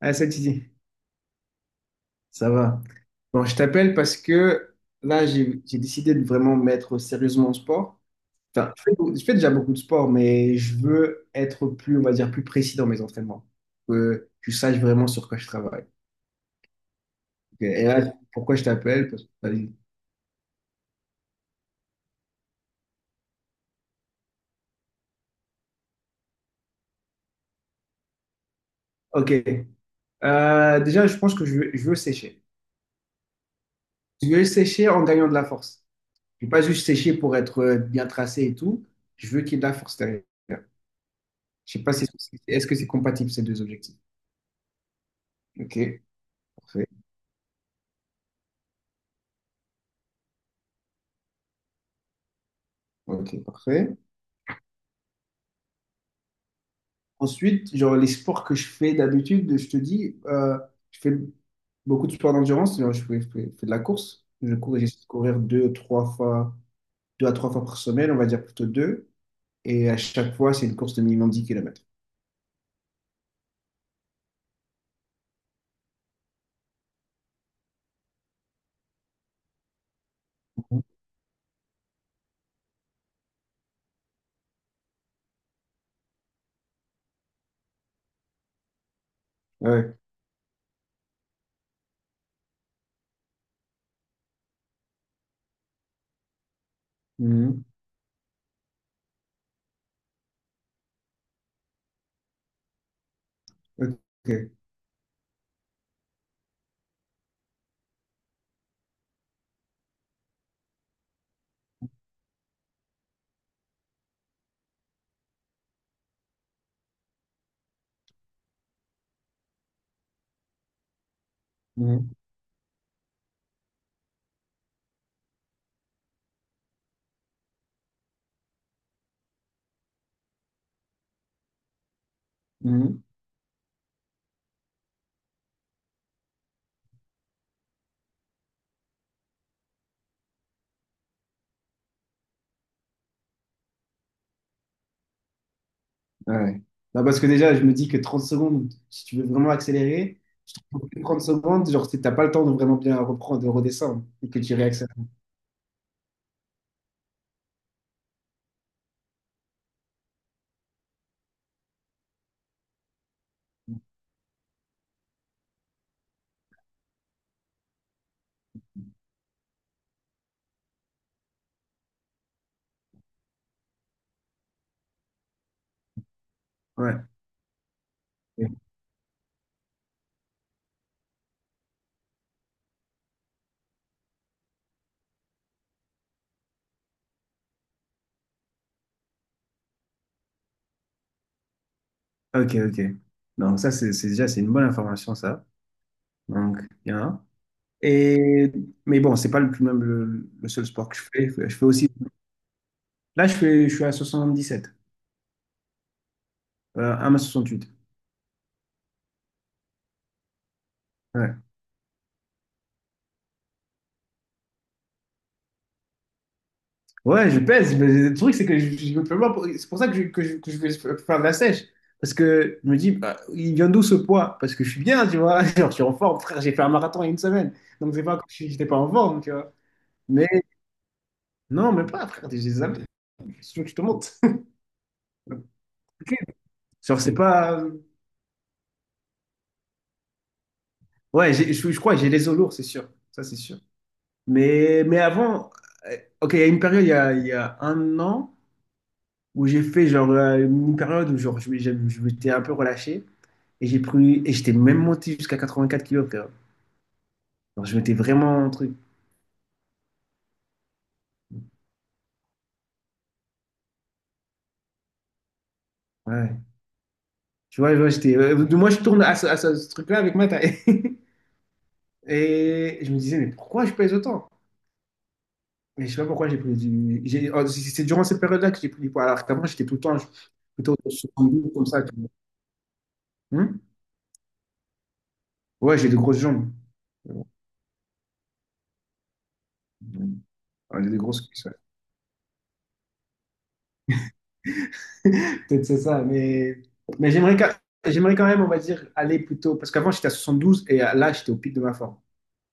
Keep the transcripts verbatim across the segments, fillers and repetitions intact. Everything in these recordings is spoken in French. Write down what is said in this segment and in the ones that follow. Ah, ça, tu Ça va. Bon, je t'appelle parce que là, j'ai j'ai décidé de vraiment mettre sérieusement au sport. Enfin, je fais, je fais déjà beaucoup de sport, mais je veux être plus, on va dire, plus précis dans mes entraînements. Que tu saches vraiment sur quoi je travaille. Ok. Et là, pourquoi je t'appelle? Parce que- vas-y. Ok. Euh, déjà, je pense que je veux, je veux sécher. Je veux sécher en gagnant de la force. Je ne veux pas juste sécher pour être euh, bien tracé et tout. Je veux qu'il y ait de la force derrière. Je sais pas si est-ce que c'est compatible ces deux objectifs. Ok, parfait. Ok, parfait. Ensuite, genre les sports que je fais d'habitude, je te dis, euh, je fais beaucoup de sports d'endurance, genre je fais, je fais- je fais de la course. Je cours, j'essaie de courir deux, trois fois, deux à trois fois par semaine, on va dire plutôt deux. Et à chaque fois, c'est une course de minimum dix kilomètres. Ouais. Mhm. Ok. Mhm. Mhm. Ouais. Non, parce que déjà, je me dis que trente secondes, si tu veux vraiment accélérer, je trouve que trente secondes, genre, t'as pas le temps de vraiment bien reprendre, de redescendre et que tu réaccélères. Ouais. Ok, ok. Donc ça, c'est c'est déjà c'est une bonne information, ça. Donc, bien. Et, mais bon, c'est pas le, même le, le seul sport que je fais. Je fais aussi. Là, je fais, je suis à soixante-dix sept. euh, un soixante huit. Ouais. Ouais, je pèse. Mais le truc, c'est que je, je me fais pas pour- C'est pour ça que je, que je, que je vais faire de la sèche. Parce que je me dis, bah, il vient d'où ce poids? Parce que je suis bien, tu vois. Genre, je suis en forme, frère. J'ai fait un marathon il y a une semaine. Donc, c'est pas comme si j'étais pas en forme, tu vois. Mais non, mais pas, frère. J'ai des abdos. Je te montre. Genre, c'est pas. Ouais, j'ai- je, je crois que j'ai les os lourds, c'est sûr. Ça, c'est sûr. Mais, mais avant, euh, ok, il y a une période, il y a, il y a un an, où j'ai fait genre euh, une période où genre, je, m'ai- je, je m'étais un peu relâché et j'ai pris, et j'étais même monté jusqu'à quatre-vingt-quatre kilos, frère. Genre, je m'étais vraiment un truc. Ouais. Tu vois, ouais, j'étais, euh, moi, je tourne à ce, à ce- ce truc-là avec ma taille. Et je me disais, mais pourquoi je pèse autant? Mais je sais pas pourquoi j'ai pris du. j'ai- oh, C'est c'est durant cette période-là que j'ai pris du poids. Alors qu'avant, j'étais tout le temps je- plutôt sur soixante-douze comme ça, tu vois. Hmm. Ouais, j'ai des grosses jambes. Mais bon. Ouais, j'ai des grosses cuisses, ouais. Peut-être c'est ça, mais, mais j'aimerais quand... j'aimerais quand même, on va dire, aller plutôt. Parce qu'avant, j'étais à soixante-douze et là, j'étais au pic de ma forme.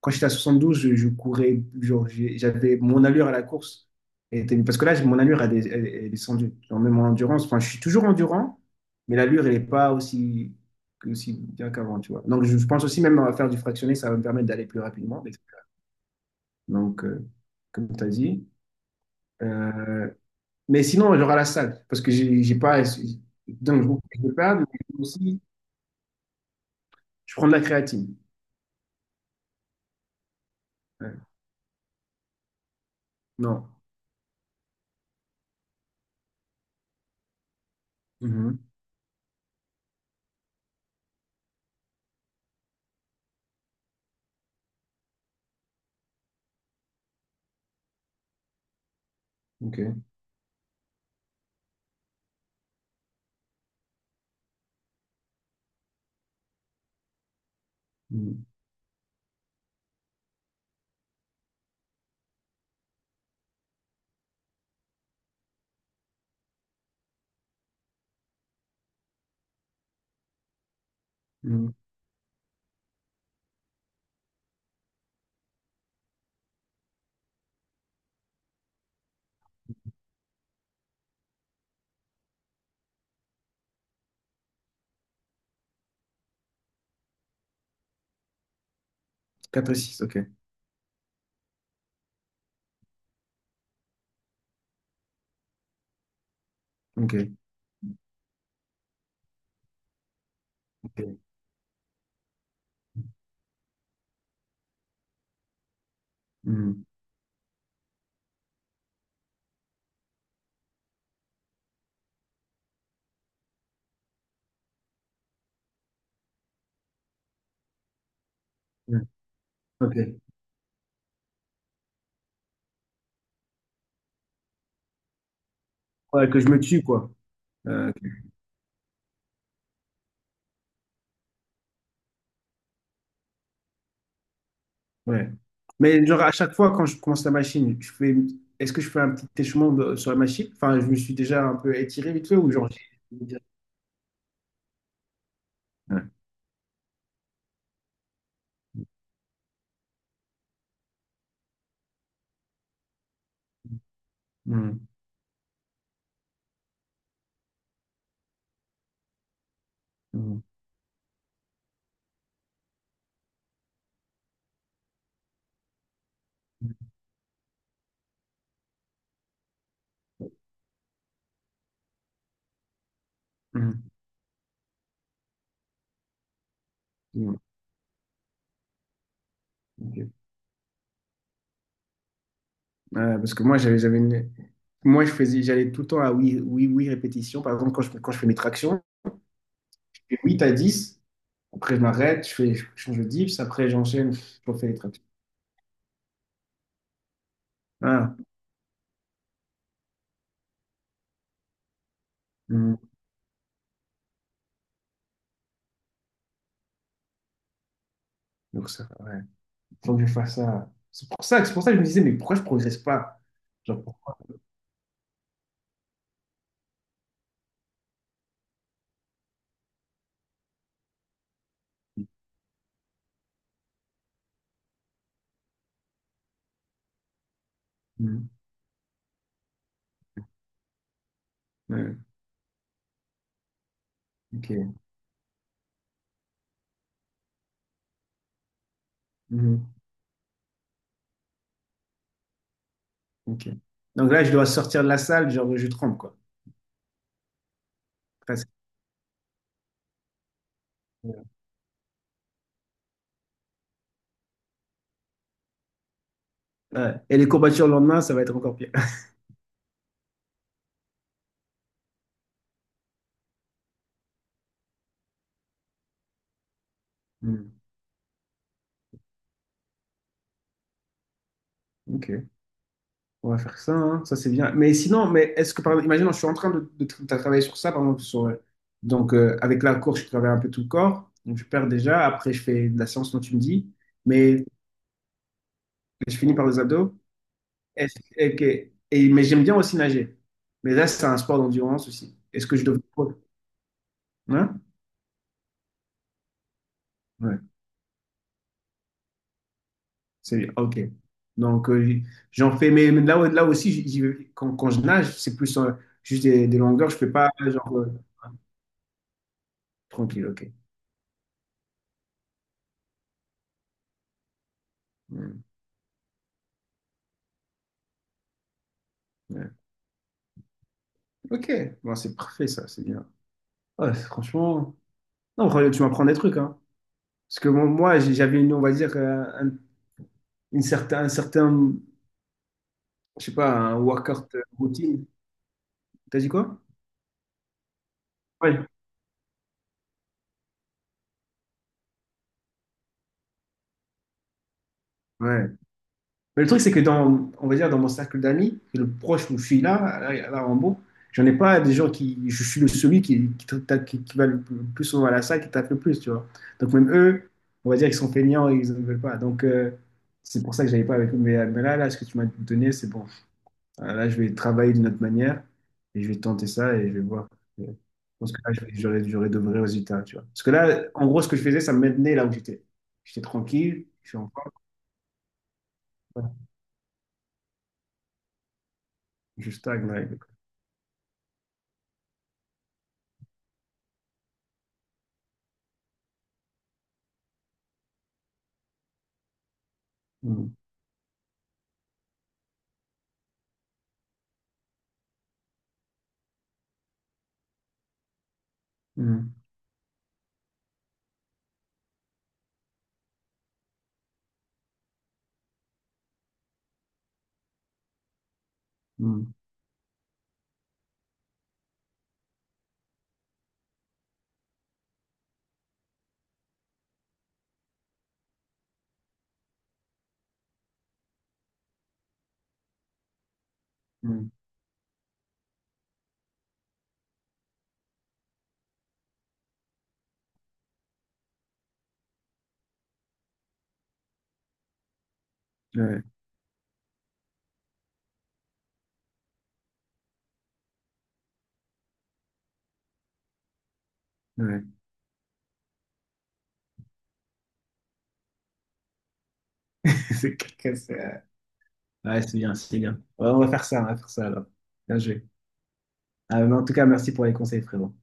Quand j'étais à soixante-douze, je, je courais, genre, j'ai- j'avais mon allure à la course. Était- parce que là, j'ai- mon allure, elle, est elle est descendue. Genre, même en endurance, enfin, je suis toujours endurant, mais l'allure, elle n'est pas aussi, aussi bien qu'avant, tu vois. Donc, je, je pense aussi, même à faire du fractionné, ça va me permettre d'aller plus rapidement. Donc, euh, comme tu as dit. Euh, Mais sinon, j'aurai la salle, parce que j'ai j'ai pas. Donc, je je parle, mais aussi, je prends de la créatine. Ouais. Non. Mhm. OK. Mhm. Mhm. quatre et six. OK. OK. OK. Mhm. Mhm. OK. Ouais, que je me tue, quoi. Euh, ok. Ouais. Mais genre, à chaque fois, quand je commence la machine, je fais... est-ce que je fais un petit échauffement de- sur la machine? Enfin, je me suis déjà un peu étiré vite fait, ou genre. j'ai- Ouais. Mhm. Mhm. Mhm. Mhm. Ok. Ouais, parce que moi, j'avais, j'avais une... moi je faisais, j'allais tout le temps à oui, oui, oui, répétition. Par exemple, quand je, quand je fais mes tractions, je fais huit à dix. Après, je m'arrête, je fais, je change de dips. Après, j'enchaîne, je refais les tractions. Ah, hmm. Donc, ça, ouais. Faut que je fasse ça. C'est pour ça, c'est pour ça que je me disais, mais pourquoi je progresse pas? Genre, pour- Hmm. Ouais, ok. Mhm. Ok. Donc là, je dois sortir de la salle, genre, je tremble, quoi. Presque. Ouais. Et les courbatures le lendemain, ça va être encore pire. Hmm. Ok. On va faire ça, hein. Ça c'est bien. Mais sinon, mais est-ce que par exemple, imaginons, je suis en train de, de tra- travailler sur ça, par exemple, sur, euh, donc euh, avec la course, je travaille un peu tout le corps, donc je perds déjà. Après, je fais de la séance dont tu me dis, mais je finis par les abdos. Est-ce- et, que- et- mais j'aime bien aussi nager. Mais là, c'est un sport d'endurance aussi. Est-ce que je devrais. Hein? Ouais, c'est ok. Donc euh, j'en fais, mais mais là, ouais, là aussi, j'y- j'y vais- quand, quand je nage, c'est plus euh, juste des, des longueurs, je fais pas genre euh, tranquille, ok. Hmm, ouais. Ok, bon, c'est parfait ça, c'est bien. Ouais, franchement, non, Royal, tu m'apprends des trucs, hein. Parce que bon, moi, j'ai- j'avais une, on va dire, euh, un, une certain, un certain, je sais pas, un workout euh, routine. T'as dit quoi? Ouais. Ouais. Mais le truc, c'est que dans, on va dire, dans mon cercle d'amis, le proche où je suis là, là, là, en bon, j'en ai pas des gens qui, je suis le celui qui, qui, t'a- qui- qui va le plus souvent à la salle, qui tape le plus, tu vois. Donc même eux, on va dire qu'ils sont feignants et ils ne veulent pas. Donc euh, c'est pour ça que j'avais pas avec eux. Mais, euh, mais là, là, ce que tu m'as donné, c'est bon. Euh, Là, je vais travailler d'une autre manière et je vais tenter ça et je vais voir. Je pense que là, je vais- j'aurai j'aurai de vrais résultats, tu vois. Parce que là, en gros, ce que je faisais, ça me maintenait là où j'étais. J'étais tranquille, je suis en forme, voilà. Je stagne, là. Mm, mm, mm, mm. Ouais, ouais. C'est quelqu'un, c'est, euh, ouais, c'est bien, c'est bien. Ouais, on va faire ça, on va faire ça alors. Bien joué. Ah, mais en tout cas, merci pour les conseils, frérot.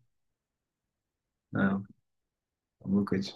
Alors, bon coach.